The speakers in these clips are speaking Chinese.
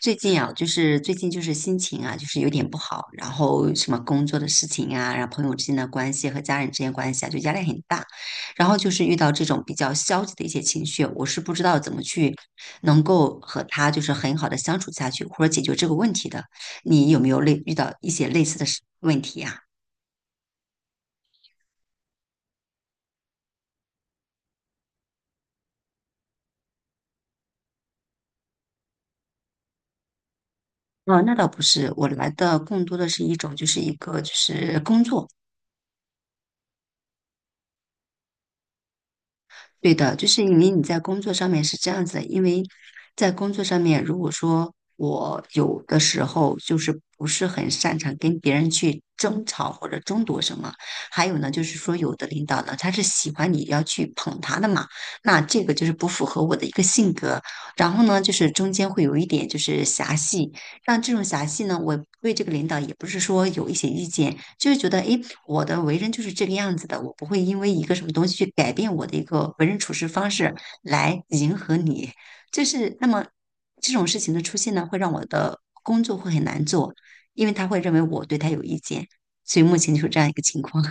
最近啊，就是最近就是心情啊，就是有点不好，然后什么工作的事情啊，然后朋友之间的关系和家人之间关系啊，就压力很大。然后就是遇到这种比较消极的一些情绪，我是不知道怎么去能够和他就是很好的相处下去，或者解决这个问题的。你有没有类遇到一些类似的事问题呀？啊，那倒不是，我来的更多的是一种就是一个就是工作。对的，就是因为你在工作上面是这样子的，因为在工作上面，如果说我有的时候就是不是很擅长跟别人去争吵或者争夺什么，还有呢，就是说有的领导呢，他是喜欢你要去捧他的嘛，那这个就是不符合我的一个性格。然后呢，就是中间会有一点就是狭隙，那这种狭隙呢，我对这个领导也不是说有一些意见，就是觉得，诶，我的为人就是这个样子的，我不会因为一个什么东西去改变我的一个为人处事方式来迎合你。就是那么这种事情的出现呢，会让我的工作会很难做，因为他会认为我对他有意见，所以目前就是这样一个情况。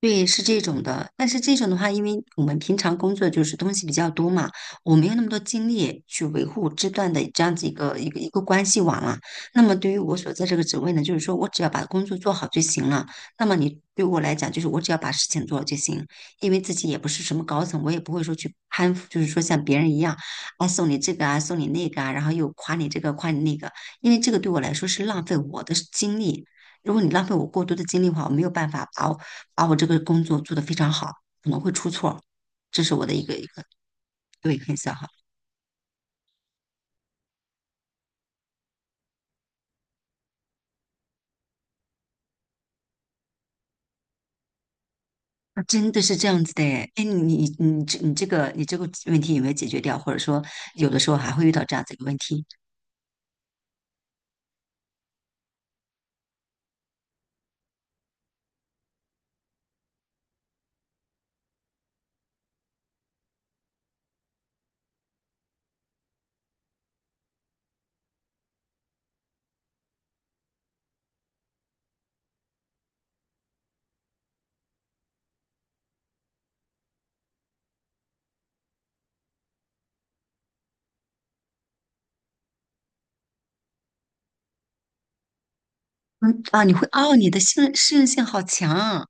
对，是这种的，但是这种的话，因为我们平常工作就是东西比较多嘛，我没有那么多精力去维护这段的这样子一个关系网了。那么对于我所在这个职位呢，就是说我只要把工作做好就行了。那么你对我来讲，就是我只要把事情做好就行，因为自己也不是什么高层，我也不会说去攀附，就是说像别人一样，啊送你这个啊，送你那个啊，然后又夸你这个夸你那个，因为这个对我来说是浪费我的精力。如果你浪费我过多的精力的话，我没有办法把我这个工作做得非常好，可能会出错，这是我的一个对很小哈。啊真的是这样子的诶哎，你这个问题有没有解决掉？或者说，有的时候还会遇到这样子一个问题，嗯啊，你会哦，你的性适应性好强，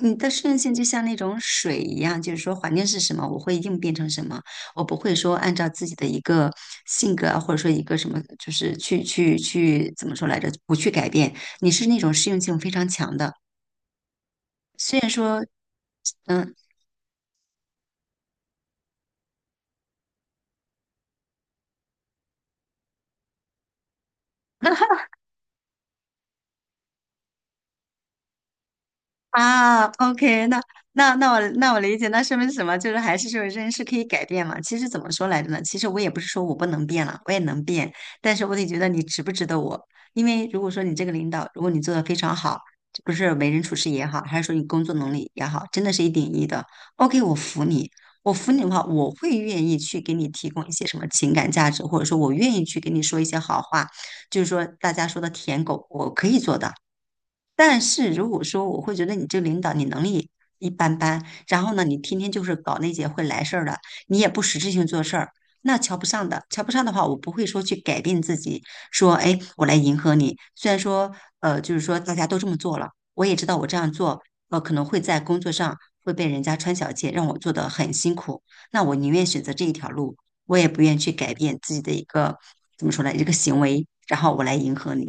你的适应性就像那种水一样，就是说环境是什么，我会应变成什么，我不会说按照自己的一个性格啊，或者说一个什么，就是去怎么说来着，不去改变，你是那种适应性非常强的。虽然说嗯啊，OK，那那我理解，那说明是什么？就是还是说人是可以改变嘛。其实怎么说来着呢？其实我也不是说我不能变了，我也能变，但是我得觉得你值不值得我。因为如果说你这个领导，如果你做的非常好，不是为人处事也好，还是说你工作能力也好，真的是一顶一的，OK，我服你。我服你的话，我会愿意去给你提供一些什么情感价值，或者说我愿意去给你说一些好话，就是说大家说的舔狗，我可以做到。但是如果说我会觉得你这个领导你能力一般般，然后呢，你天天就是搞那些会来事儿的，你也不实质性做事儿，那瞧不上的。瞧不上的话，我不会说去改变自己，说哎，我来迎合你。虽然说就是说大家都这么做了，我也知道我这样做，可能会在工作上会被人家穿小鞋，让我做得很辛苦。那我宁愿选择这一条路，我也不愿去改变自己的一个怎么说呢，一个行为，然后我来迎合你。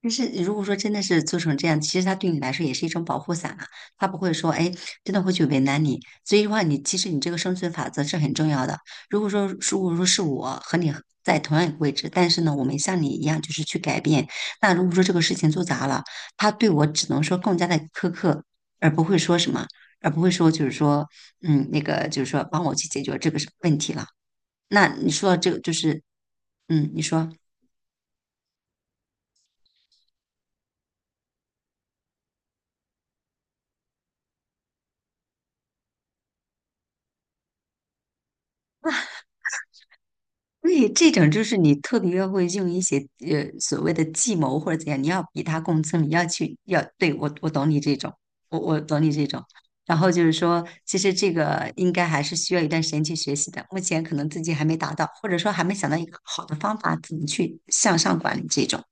但是如果说真的是做成这样，其实他对你来说也是一种保护伞啊，他不会说，哎，真的会去为难你。所以的话，你其实你这个生存法则是很重要的。如果说是我和你在同样一个位置，但是呢，我没像你一样就是去改变，那如果说这个事情做砸了，他对我只能说更加的苛刻，而不会说什么，而不会说就是说，嗯，那个就是说帮我去解决这个问题了。那你说到这个就是，嗯，你说。对，这种就是你特别要会用一些所谓的计谋或者怎样，你要比他更聪你要去要对我懂你这种，我懂你这种。然后就是说，其实这个应该还是需要一段时间去学习的，目前可能自己还没达到，或者说还没想到一个好的方法怎么去向上管理这种。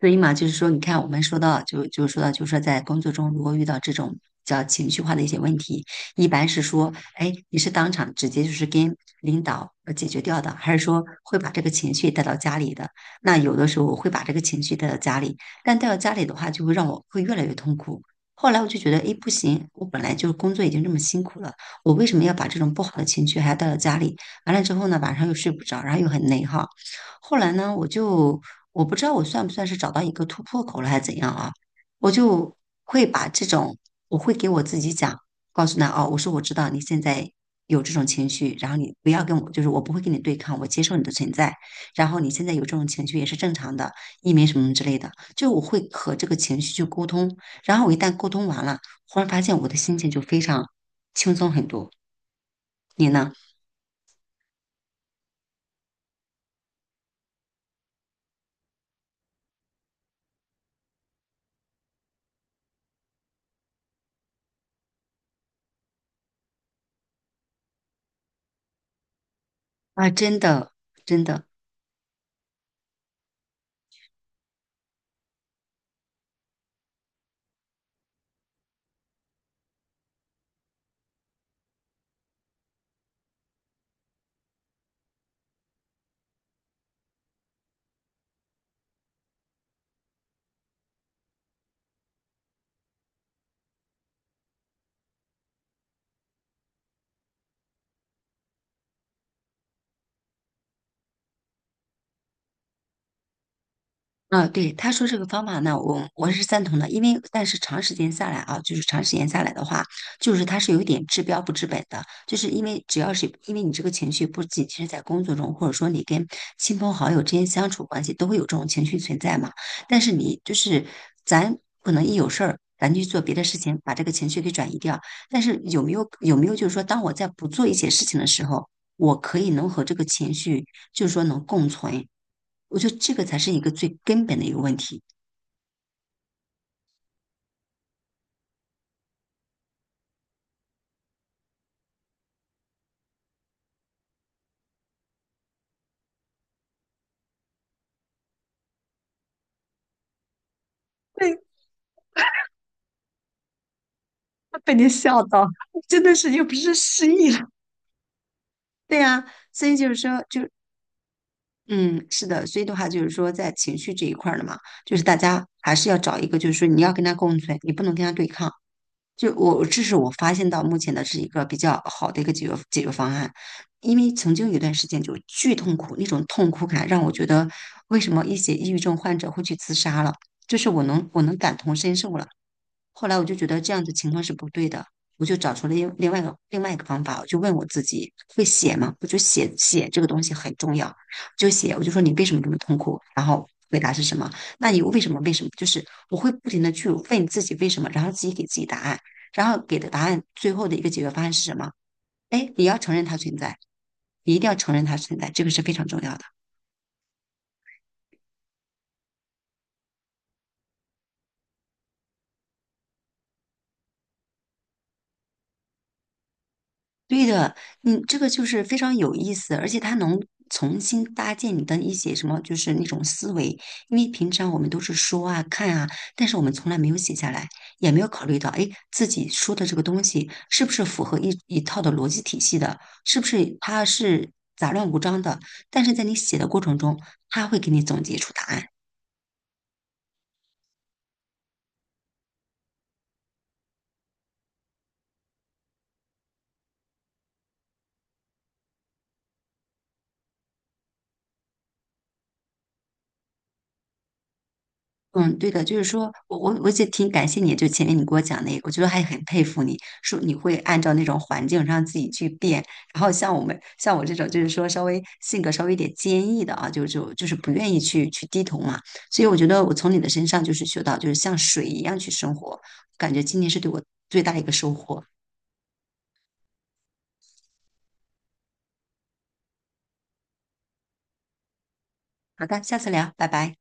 所以嘛，就是说，你看，我们说到就说到，就是说，在工作中如果遇到这种叫情绪化的一些问题，一般是说，哎，你是当场直接就是跟领导解决掉的，还是说会把这个情绪带到家里的？那有的时候我会把这个情绪带到家里，但带到家里的话，就会让我会越来越痛苦。后来我就觉得，哎，不行，我本来就是工作已经这么辛苦了，我为什么要把这种不好的情绪还要带到家里？完了之后呢，晚上又睡不着，然后又很内耗。后来呢，我就我不知道我算不算是找到一个突破口了，还是怎样啊？我就会把这种，我会给我自己讲，告诉他哦，我说我知道你现在有这种情绪，然后你不要跟我，就是我不会跟你对抗，我接受你的存在，然后你现在有这种情绪也是正常的，你没什么之类的，就我会和这个情绪去沟通，然后我一旦沟通完了，忽然发现我的心情就非常轻松很多。你呢？啊，真的，真的，啊，对，他说这个方法呢，我是赞同的，因为但是长时间下来啊，就是长时间下来的话，就是它是有一点治标不治本的，就是因为只要是因为你这个情绪不仅是在工作中，或者说你跟亲朋好友之间相处关系都会有这种情绪存在嘛，但是你就是咱可能一有事儿。咱去做别的事情，把这个情绪给转移掉。但是有没有就是说，当我在不做一些事情的时候，我可以能和这个情绪就是说能共存，我觉得这个才是一个最根本的一个问题，真的是又不是失忆了。对呀，所以就是说，就嗯，是的，所以的话就是说，在情绪这一块儿的嘛，就是大家还是要找一个，就是说你要跟他共存，你不能跟他对抗。就我，这是我发现到目前的是一个比较好的一个解决方案，因为曾经有一段时间就巨痛苦，那种痛苦感让我觉得，为什么一些抑郁症患者会去自杀了？就是我能感同身受了，后来我就觉得这样的情况是不对的，我就找出了另外一个方法，我就问我自己，会写吗？我就写写这个东西很重要，就写，我就说你为什么这么痛苦？然后回答是什么？那你为什么？就是我会不停的去问自己为什么，然后自己给自己答案，然后给的答案最后的一个解决方案是什么？哎，你要承认它存在，你一定要承认它存在，这个是非常重要的。对的，嗯，这个就是非常有意思，而且它能重新搭建你的一些什么，就是那种思维。因为平常我们都是说啊、看啊，但是我们从来没有写下来，也没有考虑到，哎，自己说的这个东西是不是符合一一套的逻辑体系的，是不是它是杂乱无章的？但是在你写的过程中，它会给你总结出答案。嗯，对的，就是说我就挺感谢你，就前面你给我讲那个，我觉得还很佩服你，说你会按照那种环境让自己去变，然后像我们像我这种就是说稍微性格稍微有点坚毅的啊，就是不愿意去低头嘛，所以我觉得我从你的身上就是学到就是像水一样去生活，感觉今天是对我最大的一个收获。好的，下次聊，拜拜。